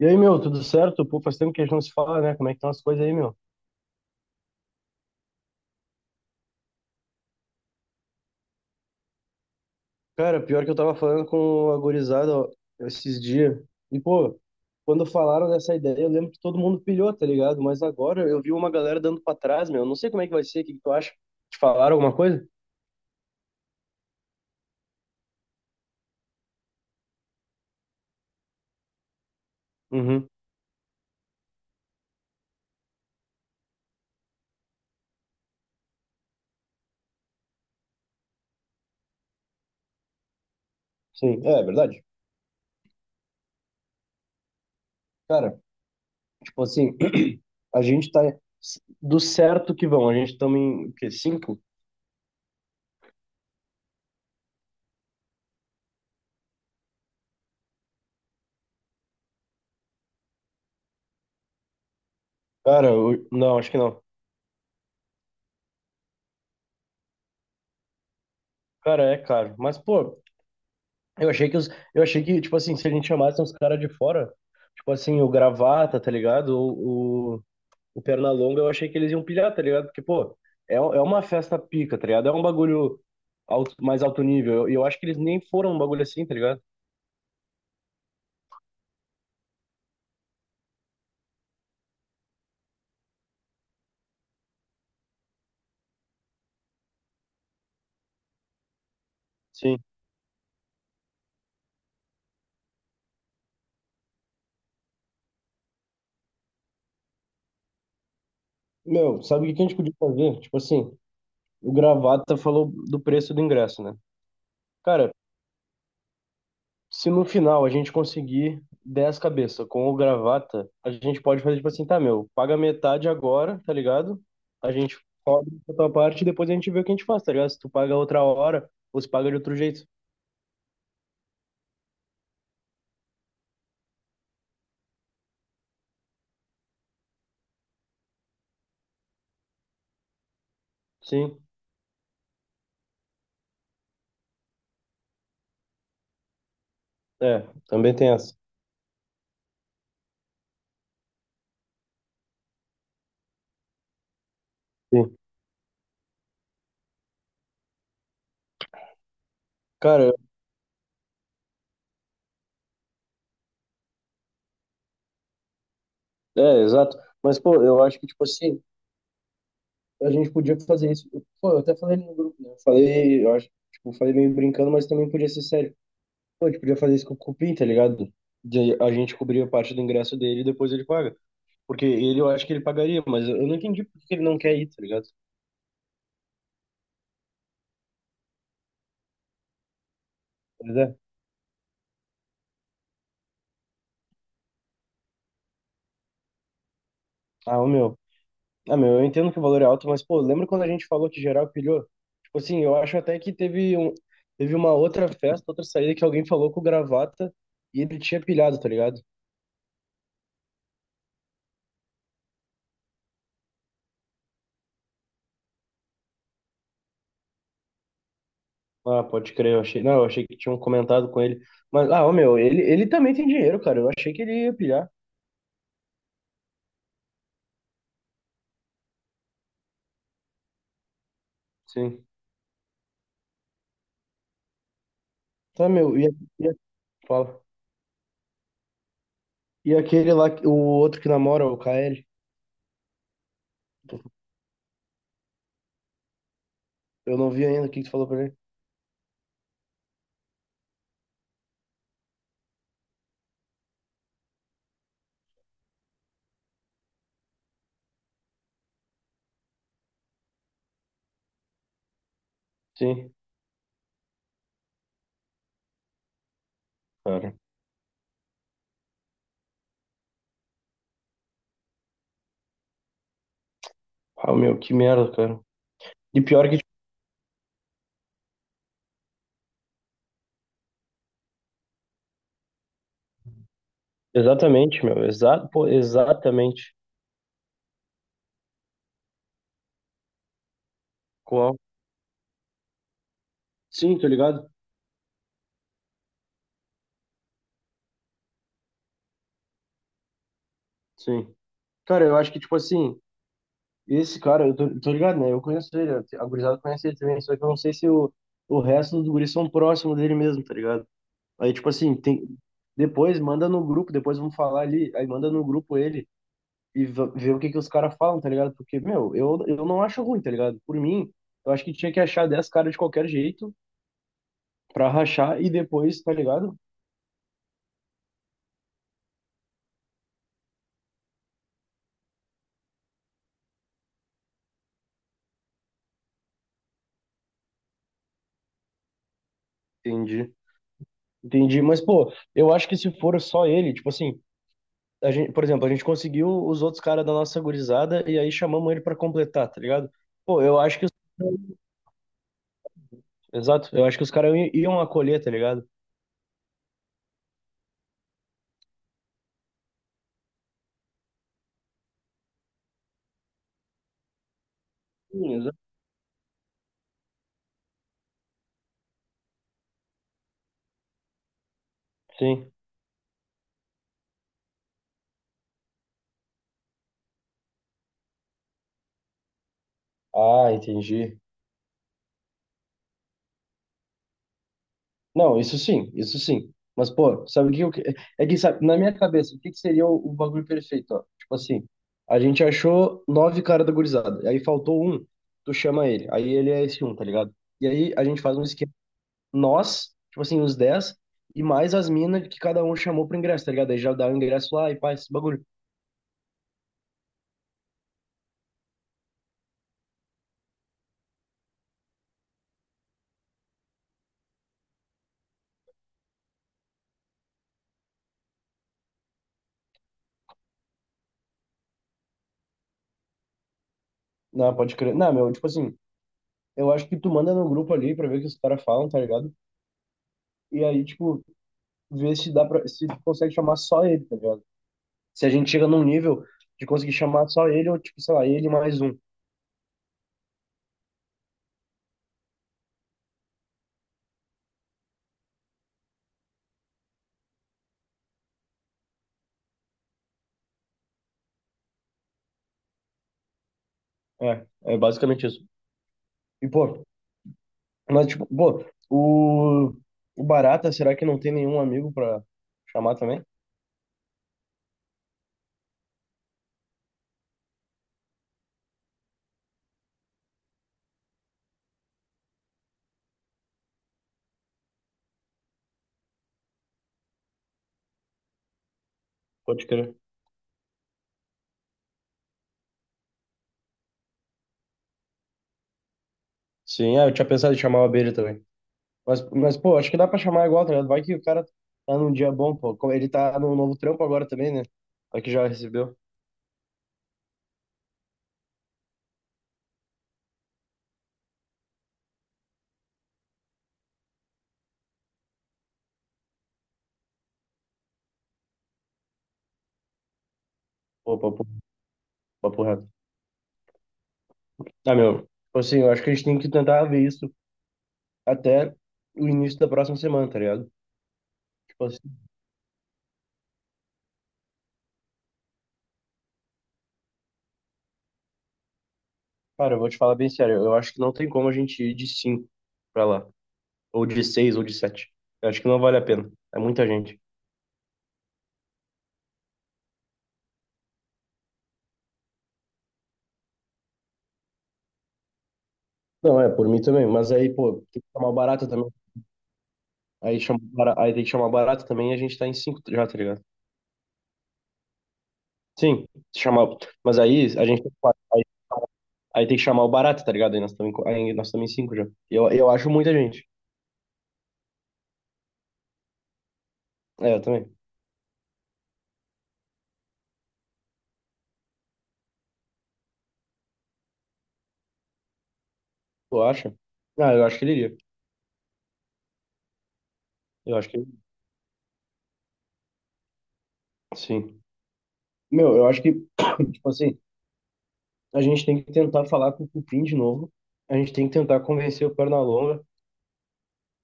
E aí, meu, tudo certo? Pô, faz tempo que a gente não se fala, né? Como é que estão as coisas aí, meu? Cara, pior que eu tava falando com a gurizada ó, esses dias. E, pô, quando falaram dessa ideia, eu lembro que todo mundo pilhou, tá ligado? Mas agora eu vi uma galera dando pra trás, meu. Não sei como é que vai ser, o que que tu acha? Te falaram alguma coisa? Uhum. Sim, é verdade. Cara, tipo assim, a gente tá do certo que vão. A gente estamos em, o quê? Cinco? Cara, não, acho que não. Cara, é caro. Mas, pô, Eu achei que os, eu achei que, tipo assim, se a gente chamasse uns caras de fora, tipo assim, o Gravata, tá ligado? O Pernalonga, eu achei que eles iam pilhar, tá ligado? Porque, pô, é uma festa pica, tá ligado? É um bagulho mais alto nível. E eu acho que eles nem foram um bagulho assim, tá ligado? Sim. Meu, sabe o que que a gente podia fazer? Tipo assim, o Gravata falou do preço do ingresso, né? Cara, se no final a gente conseguir 10 cabeça com o gravata, a gente pode fazer tipo assim, tá, meu, paga metade agora, tá ligado? A gente cobre a tua parte e depois a gente vê o que a gente faz, tá ligado? Se tu paga outra hora ou se paga de outro jeito. Sim, é, também tem essa. Sim. Cara, é, exato. Mas, pô, eu acho que, tipo assim, a gente podia fazer isso. Pô, eu até falei no grupo, né? Eu falei, eu acho, tipo, falei meio brincando, mas também podia ser sério. Pô, a gente podia fazer isso com o Cupim, tá ligado? A gente cobria parte do ingresso dele e depois ele paga. Porque ele, eu acho que ele pagaria, mas eu não entendi por que ele não quer ir, tá ligado? Pois é. Ah, o meu. Ah, meu, eu entendo que o valor é alto, mas, pô, lembra quando a gente falou que geral pilhou? Tipo assim, eu acho até que teve uma outra festa, outra saída que alguém falou com o gravata e ele tinha pilhado, tá ligado? Ah, pode crer, eu achei. Não, eu achei que tinham comentado com ele. Mas, ah, ô, meu, ele também tem dinheiro, cara. Eu achei que ele ia pilhar. Sim. Tá, meu, e a- fala. E aquele lá, o outro que namora, o KL. Eu não vi ainda o que que tu falou pra ele. Sim. Cara, ah, meu, que merda, cara. E pior que, tipo, exatamente, meu. Pô, exatamente. Qual? Sim, tô ligado? Sim. Cara, eu acho que, tipo assim, esse cara, eu tô ligado, né? Eu conheço ele, a gurizada conhece ele também, só que eu não sei se o resto dos guris são próximos dele mesmo, tá ligado? Aí, tipo assim, tem. Depois manda no grupo, depois vamos falar ali, aí manda no grupo ele e vê o que que os caras falam, tá ligado? Porque, meu, eu não acho ruim, tá ligado? Por mim, eu acho que tinha que achar 10 caras de qualquer jeito pra rachar e depois, tá ligado? Entendi. Entendi. Mas, pô, eu acho que se for só ele, tipo assim, a gente, por exemplo, a gente conseguiu os outros caras da nossa gurizada e aí chamamos ele pra completar, tá ligado? Pô, eu acho que os... Exato, eu acho que os caras iam acolher, tá ligado? Sim, exato. Sim. Ah, entendi. Não, isso sim, isso sim. Mas, pô, sabe o que eu... que- É que, sabe, na minha cabeça, o que que seria o bagulho perfeito, ó? Tipo assim, a gente achou nove caras da gurizada, aí faltou um, tu chama ele, aí ele é esse um, tá ligado? E aí a gente faz um esquema nós, tipo assim, os 10 e mais as minas que cada um chamou pro ingresso, tá ligado? Aí já dá o ingresso lá e pá, esse bagulho. Não, pode crer. Não, meu, tipo assim, eu acho que tu manda no grupo ali pra ver o que os caras falam, tá ligado? E aí, tipo, ver se dá se tu consegue chamar só ele, tá ligado? Se a gente chega num nível de conseguir chamar só ele, ou tipo, sei lá, ele mais um. É basicamente isso. E, pô, mas, tipo, pô, o, o Barata, será que não tem nenhum amigo pra chamar também? Pode crer. Sim, ah, eu tinha pensado em chamar o Abelha também. Mas, pô, acho que dá pra chamar igual, tá ligado? Vai que o cara tá num dia bom, pô. Como ele tá num novo trampo agora também, né? Vai que já recebeu. Pô, papo reto. Tá, meu. Tipo assim, eu acho que a gente tem que tentar ver isso até o início da próxima semana, tá ligado? Tipo assim, cara, eu vou te falar bem sério. Eu acho que não tem como a gente ir de cinco pra lá. Ou de seis, ou de sete. Eu acho que não vale a pena. É muita gente. Não, é, por mim também. Mas aí, pô, tem que chamar o barata também. Aí, chama, aí tem que chamar o barata também e a gente tá em cinco já, tá ligado? Sim, se chamar. Mas aí a gente tem quatro, aí tem que chamar o barato, tá ligado? Aí nós estamos em cinco já. E eu acho muita gente. É, eu também. Tu acha? Ah, eu acho que ele iria. Eu acho que sim. Meu, eu acho que, tipo assim, a gente tem que tentar falar com o Cupim de novo. A gente tem que tentar convencer o Pernalonga.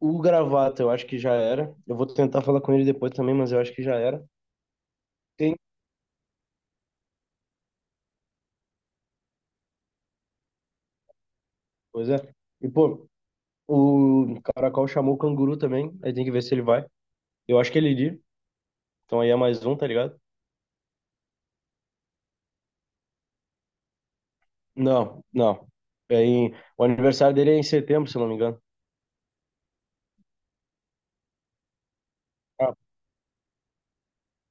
O Gravata, eu acho que já era. Eu vou tentar falar com ele depois também, mas eu acho que já era. Tem, pois é. E, pô, o Caracol chamou o Canguru também. Aí tem que ver se ele vai. Eu acho que ele iria. Então aí é mais um, tá ligado? Não, não. O aniversário dele é em setembro, se eu não me engano. Ah,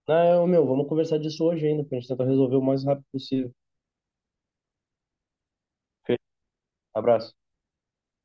não, meu, vamos conversar disso hoje ainda, pra gente tentar resolver o mais rápido possível. Fe- Abraço.